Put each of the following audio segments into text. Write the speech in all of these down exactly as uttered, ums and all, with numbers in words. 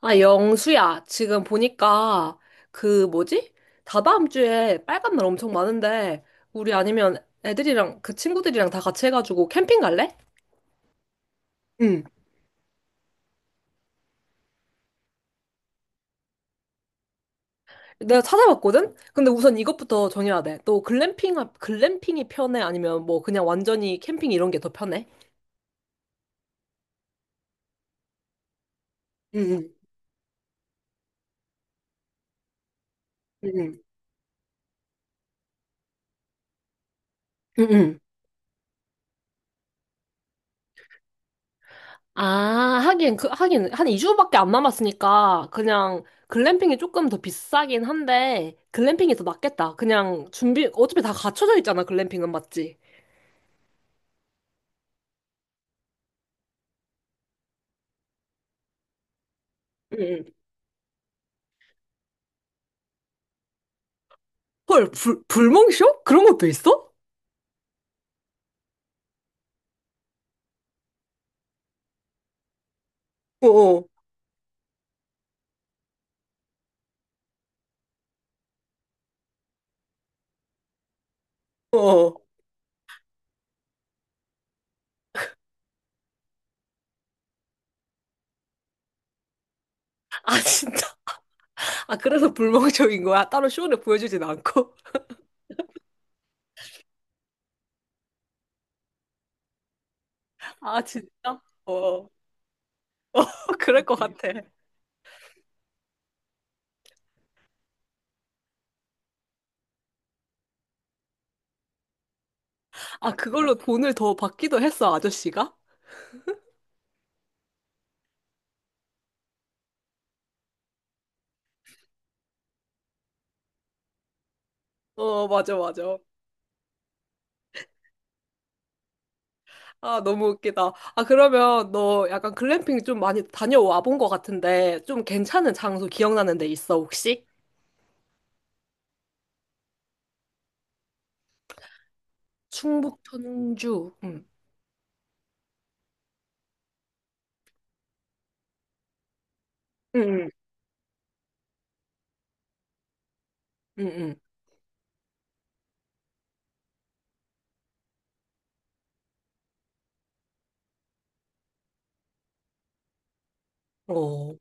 아, 영수야, 지금 보니까 그 뭐지? 다다음 주에 빨간 날 엄청 많은데 우리 아니면 애들이랑 그 친구들이랑 다 같이 해가지고 캠핑 갈래? 응. 내가 찾아봤거든? 근데 우선 이것부터 정해야 돼. 너 글램핑, 글램핑이 편해? 아니면 뭐 그냥 완전히 캠핑 이런 게 더 편해? 응, 응, 응. 응. 아, 하긴, 그, 하긴, 한 이 주밖에 안 남았으니까, 그냥, 글램핑이 조금 더 비싸긴 한데, 글램핑이 더 낫겠다. 그냥, 준비, 어차피 다 갖춰져 있잖아, 글램핑은, 맞지? 응, 응. 헐, 불, 불멍쇼? 그런 것도 있어? 어어, 어어. 아, 진짜? 아, 그래서 불멍쇼인 거야? 따로 쇼를 보여주진 않고? 아, 진짜? 어어. 어, 그럴 것 같아. 아, 그걸로 돈을 더 받기도 했어, 아저씨가? 어, 맞아, 맞아. 아, 너무 웃기다. 아, 그러면 너 약간 글램핑 좀 많이 다녀와 본 것 같은데, 좀 괜찮은 장소 기억나는 데 있어, 혹시? 충북 천주. 응, 응, 응, 응. 응. 어,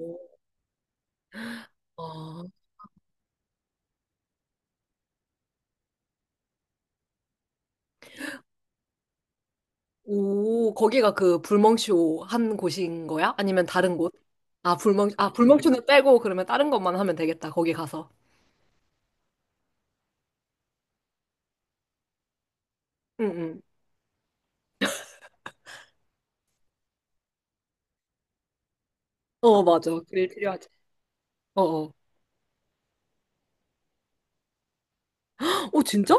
아, 오, 거기가 그 불멍쇼 한 곳인 거야? 아니면 다른 곳? 아, 불멍, 아, 불멍쇼는 빼고 그러면 다른 것만 하면 되겠다, 거기 가서. 응, 응. 어, 맞아. 그게 필요하지. 어, 어. 어, 진짜?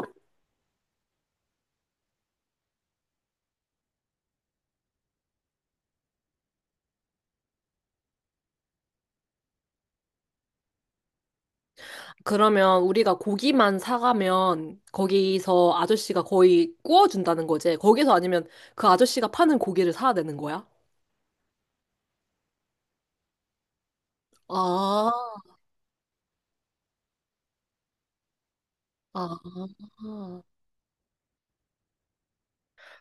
그러면 우리가 고기만 사가면 거기서 아저씨가 거의 구워준다는 거지. 거기서 아니면 그 아저씨가 파는 고기를 사야 되는 거야? 아, 아.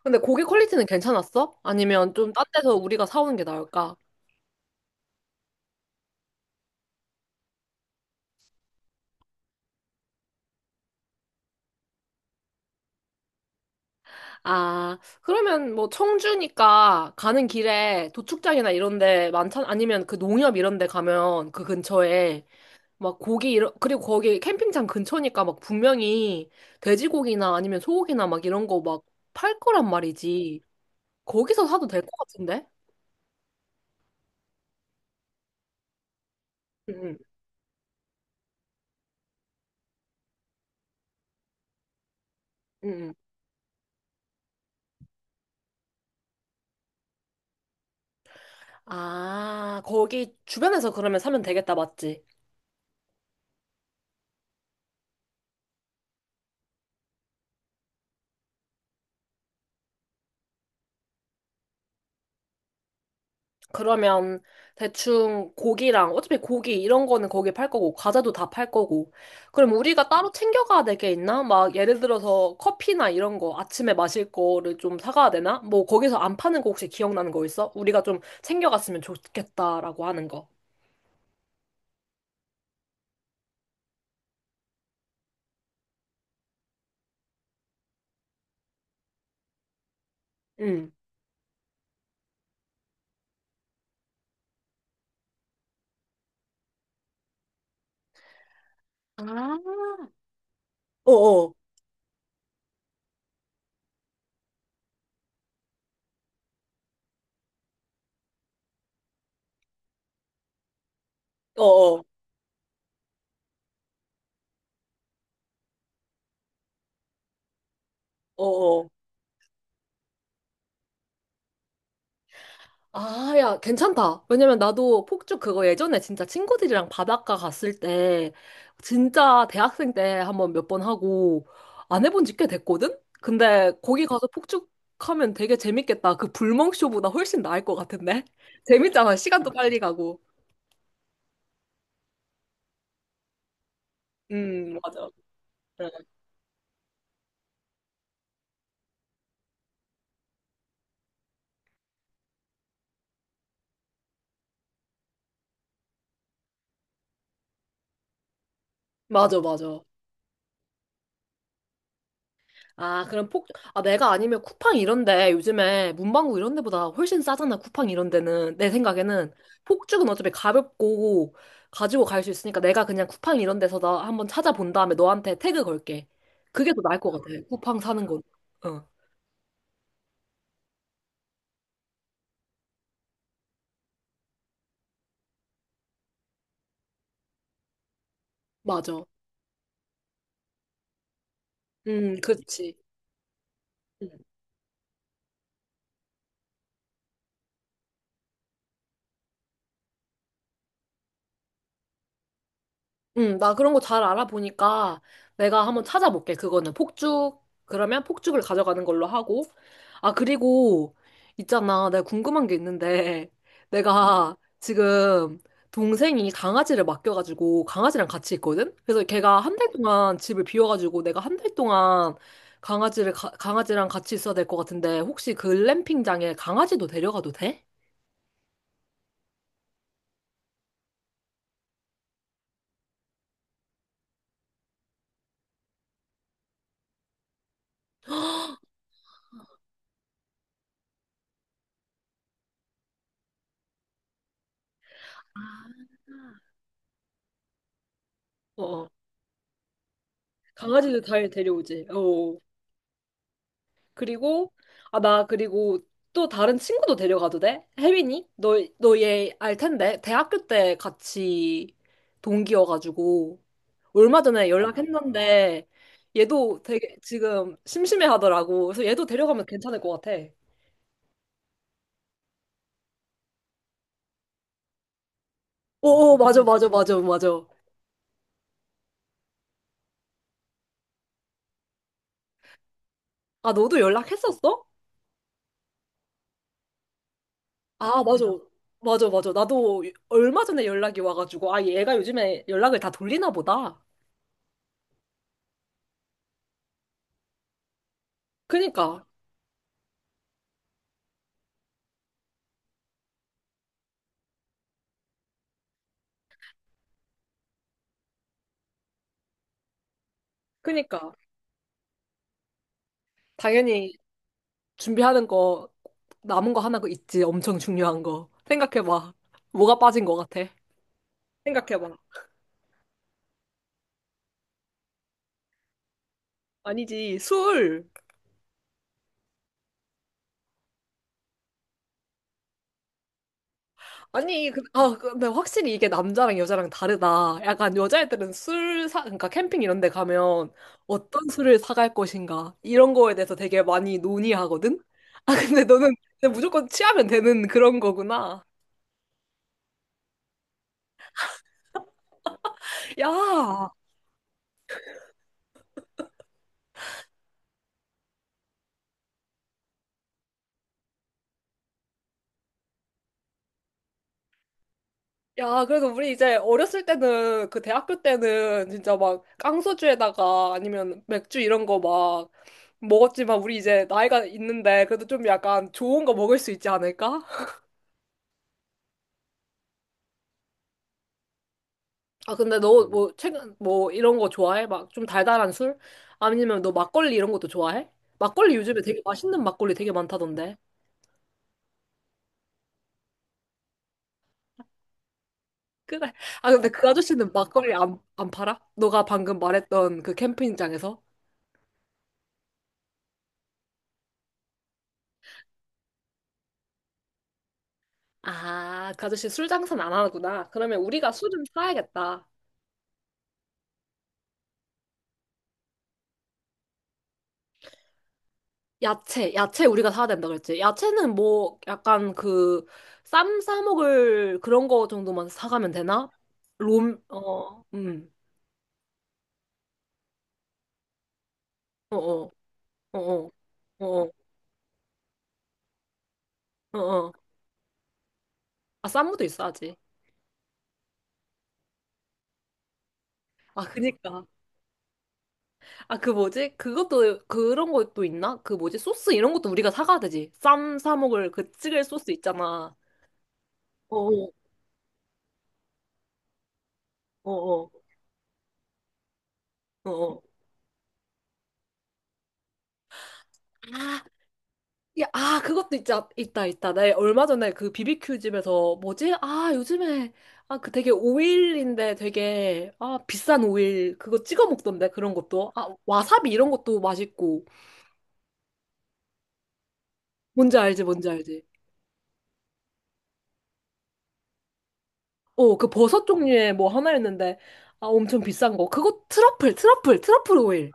근데 고기 퀄리티는 괜찮았어? 아니면 좀 딴 데서 우리가 사오는 게 나을까? 아, 그러면 뭐 청주니까 가는 길에 도축장이나 이런 데 많잖아. 아니면 그 농협 이런 데 가면 그 근처에 막 고기 이런 그리고 거기 캠핑장 근처니까 막 분명히 돼지고기나 아니면 소고기나 막 이런 거 막 팔 거란 말이지. 거기서 사도 될 것 같은데? 응, 응, 응. 응. 아, 거기 주변에서 그러면 사면 되겠다, 맞지? 그러면 대충 고기랑 어차피 고기 이런 거는 거기 팔 거고 과자도 다 팔 거고 그럼 우리가 따로 챙겨가야 될 게 있나? 막 예를 들어서 커피나 이런 거 아침에 마실 거를 좀 사가야 되나? 뭐 거기서 안 파는 거 혹시 기억나는 거 있어? 우리가 좀 챙겨갔으면 좋겠다라고 하는 거. 응. 아, 어어, 어어, 어어. 아, 야, 괜찮다. 왜냐면 나도 폭죽 그거 예전에 진짜 친구들이랑 바닷가 갔을 때, 진짜 대학생 때 한번 몇 번 하고, 안 해본 지 꽤 됐거든? 근데 거기 가서 폭죽 하면 되게 재밌겠다. 그 불멍쇼보다 훨씬 나을 것 같은데? 재밌잖아. 시간도 빨리 가고. 음, 맞아. 응. 맞아, 맞아. 아, 그럼 폭, 아, 내가 아니면 쿠팡 이런데 요즘에 문방구 이런 데보다 훨씬 싸잖아, 쿠팡 이런 데는. 내 생각에는. 폭죽은 어차피 가볍고 가지고 갈 수 있으니까 내가 그냥 쿠팡 이런 데서 나 한번 찾아본 다음에 너한테 태그 걸게. 그게 더 나을 것 같아, 쿠팡 사는 건. 어, 맞아. 음, 그렇지. 음. 응, 나 그런 거 잘 알아보니까 내가 한번 찾아볼게. 그거는 폭죽, 그러면 폭죽을 가져가는 걸로 하고. 아, 그리고 있잖아. 내가 궁금한 게 있는데 내가 지금 동생이 강아지를 맡겨가지고 강아지랑 같이 있거든? 그래서 걔가 한 달 동안 집을 비워가지고 내가 한 달 동안 강아지를, 가- 강아지랑 같이 있어야 될 것 같은데 혹시 글램핑장에 강아지도 데려가도 돼? 아. 어, 어. 강아지도 잘 데려오지. 어. 어. 그리고, 아, 나 그리고 또 다른 친구도 데려가도 돼? 혜빈이? 너, 너 얘 알 텐데. 대학교 때 같이 동기여가지고. 얼마 전에 아, 연락했는데, 얘도 되게 지금 심심해 하더라고. 그래서 얘도 데려가면 괜찮을 것 같아. 오, 맞아, 맞아, 맞아, 맞아. 아, 너도 연락했었어? 아, 맞아. 맞아, 맞아. 나도 얼마 전에 연락이 와가지고, 아, 얘가 요즘에 연락을 다 돌리나 보다. 그니까, 그니까. 당연히 준비하는 거 남은 거 하나 그 있지. 엄청 중요한 거. 생각해봐. 뭐가 빠진 거 같아? 생각해봐. 아니지, 술. 아니, 그- 아, 그, 근데 확실히 이게 남자랑 여자랑 다르다. 약간 여자애들은 술 사, 그러니까 캠핑 이런 데 가면 어떤 술을 사갈 것인가. 이런 거에 대해서 되게 많이 논의하거든? 아, 근데 너는 그냥 무조건 취하면 되는 그런 거구나. 야, 야, 그래서 우리 이제 어렸을 때는, 그 대학교 때는 진짜 막 깡소주에다가 아니면 맥주 이런 거 막 먹었지만 우리 이제 나이가 있는데 그래도 좀 약간 좋은 거 먹을 수 있지 않을까? 아, 근데 너 음. 뭐 최근 뭐 이런 거 좋아해? 막 좀 달달한 술? 아니면 너 막걸리 이런 것도 좋아해? 막걸리 요즘에 되게 맛있는 막걸리 되게 많다던데. 그래. 아, 근데 그 아저씨는 막걸리 안, 안 팔아? 너가 방금 말했던 그 캠핑장에서? 아, 그 아저씨 술 장사는 안 하구나. 그러면 우리가 술 좀 사야겠다. 야채, 야채 우리가 사야 된다 그랬지. 야채는 뭐 약간 그 쌈 싸먹을 그런 거 정도만 사가면 되나? 롬, 어, 음, 어, 어, 어, 어, 어, 어, 어. 어. 아, 쌈무도 있어야지. 아, 그니까. 아, 그 뭐지? 그것도, 그런 것도 있나? 그 뭐지? 소스 이런 것도 우리가 사가야 되지. 쌈 싸먹을 그 찌개 소스 있잖아. 어, 어, 어, 어, 어. 어. 야, 아, 그것도 있자, 있다, 있다. 나 얼마 전에 그 비비큐 집에서, 뭐지? 아, 요즘에, 아, 그 되게 오일인데 되게, 아, 비싼 오일, 그거 찍어 먹던데, 그런 것도. 아, 와사비 이런 것도 맛있고. 뭔지 알지, 뭔지 알지. 어, 그 버섯 종류의 뭐 하나였는데, 아, 엄청 비싼 거. 그거 트러플, 트러플, 트러플 오일.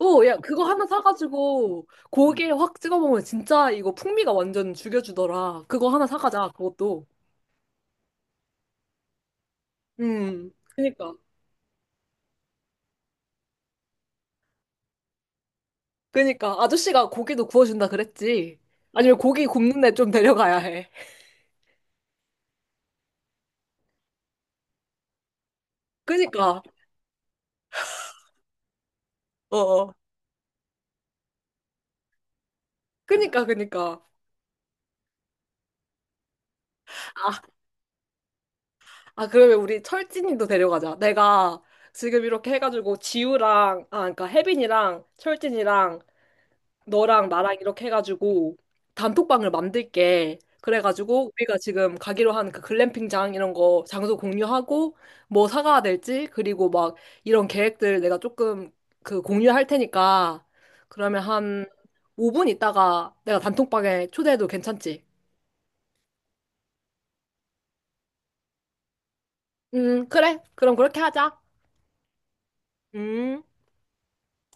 어, 야, 그거 하나 사가지고, 고기에 확 찍어 먹으면 진짜 이거 풍미가 완전 죽여주더라. 그거 하나 사가자, 그것도. 음, 그니까. 그니까 아저씨가 고기도 구워준다 그랬지. 아니면 고기 굽는 데 좀 데려가야 해. 그니까 어어. 그니까 그니까. 아, 아 그러면 우리 철진이도 데려가자. 내가 지금 이렇게 해가지고 지우랑 아 그러니까 혜빈이랑 철진이랑 너랑 나랑 이렇게 해가지고 단톡방을 만들게. 그래가지고 우리가 지금 가기로 한 그 글램핑장 이런 거 장소 공유하고 뭐 사가야 될지 그리고 막 이런 계획들 내가 조금 그 공유할 테니까 그러면 한 오 분 있다가 내가 단톡방에 초대해도 괜찮지? 음, 그래. 그럼 그렇게 하자. 음.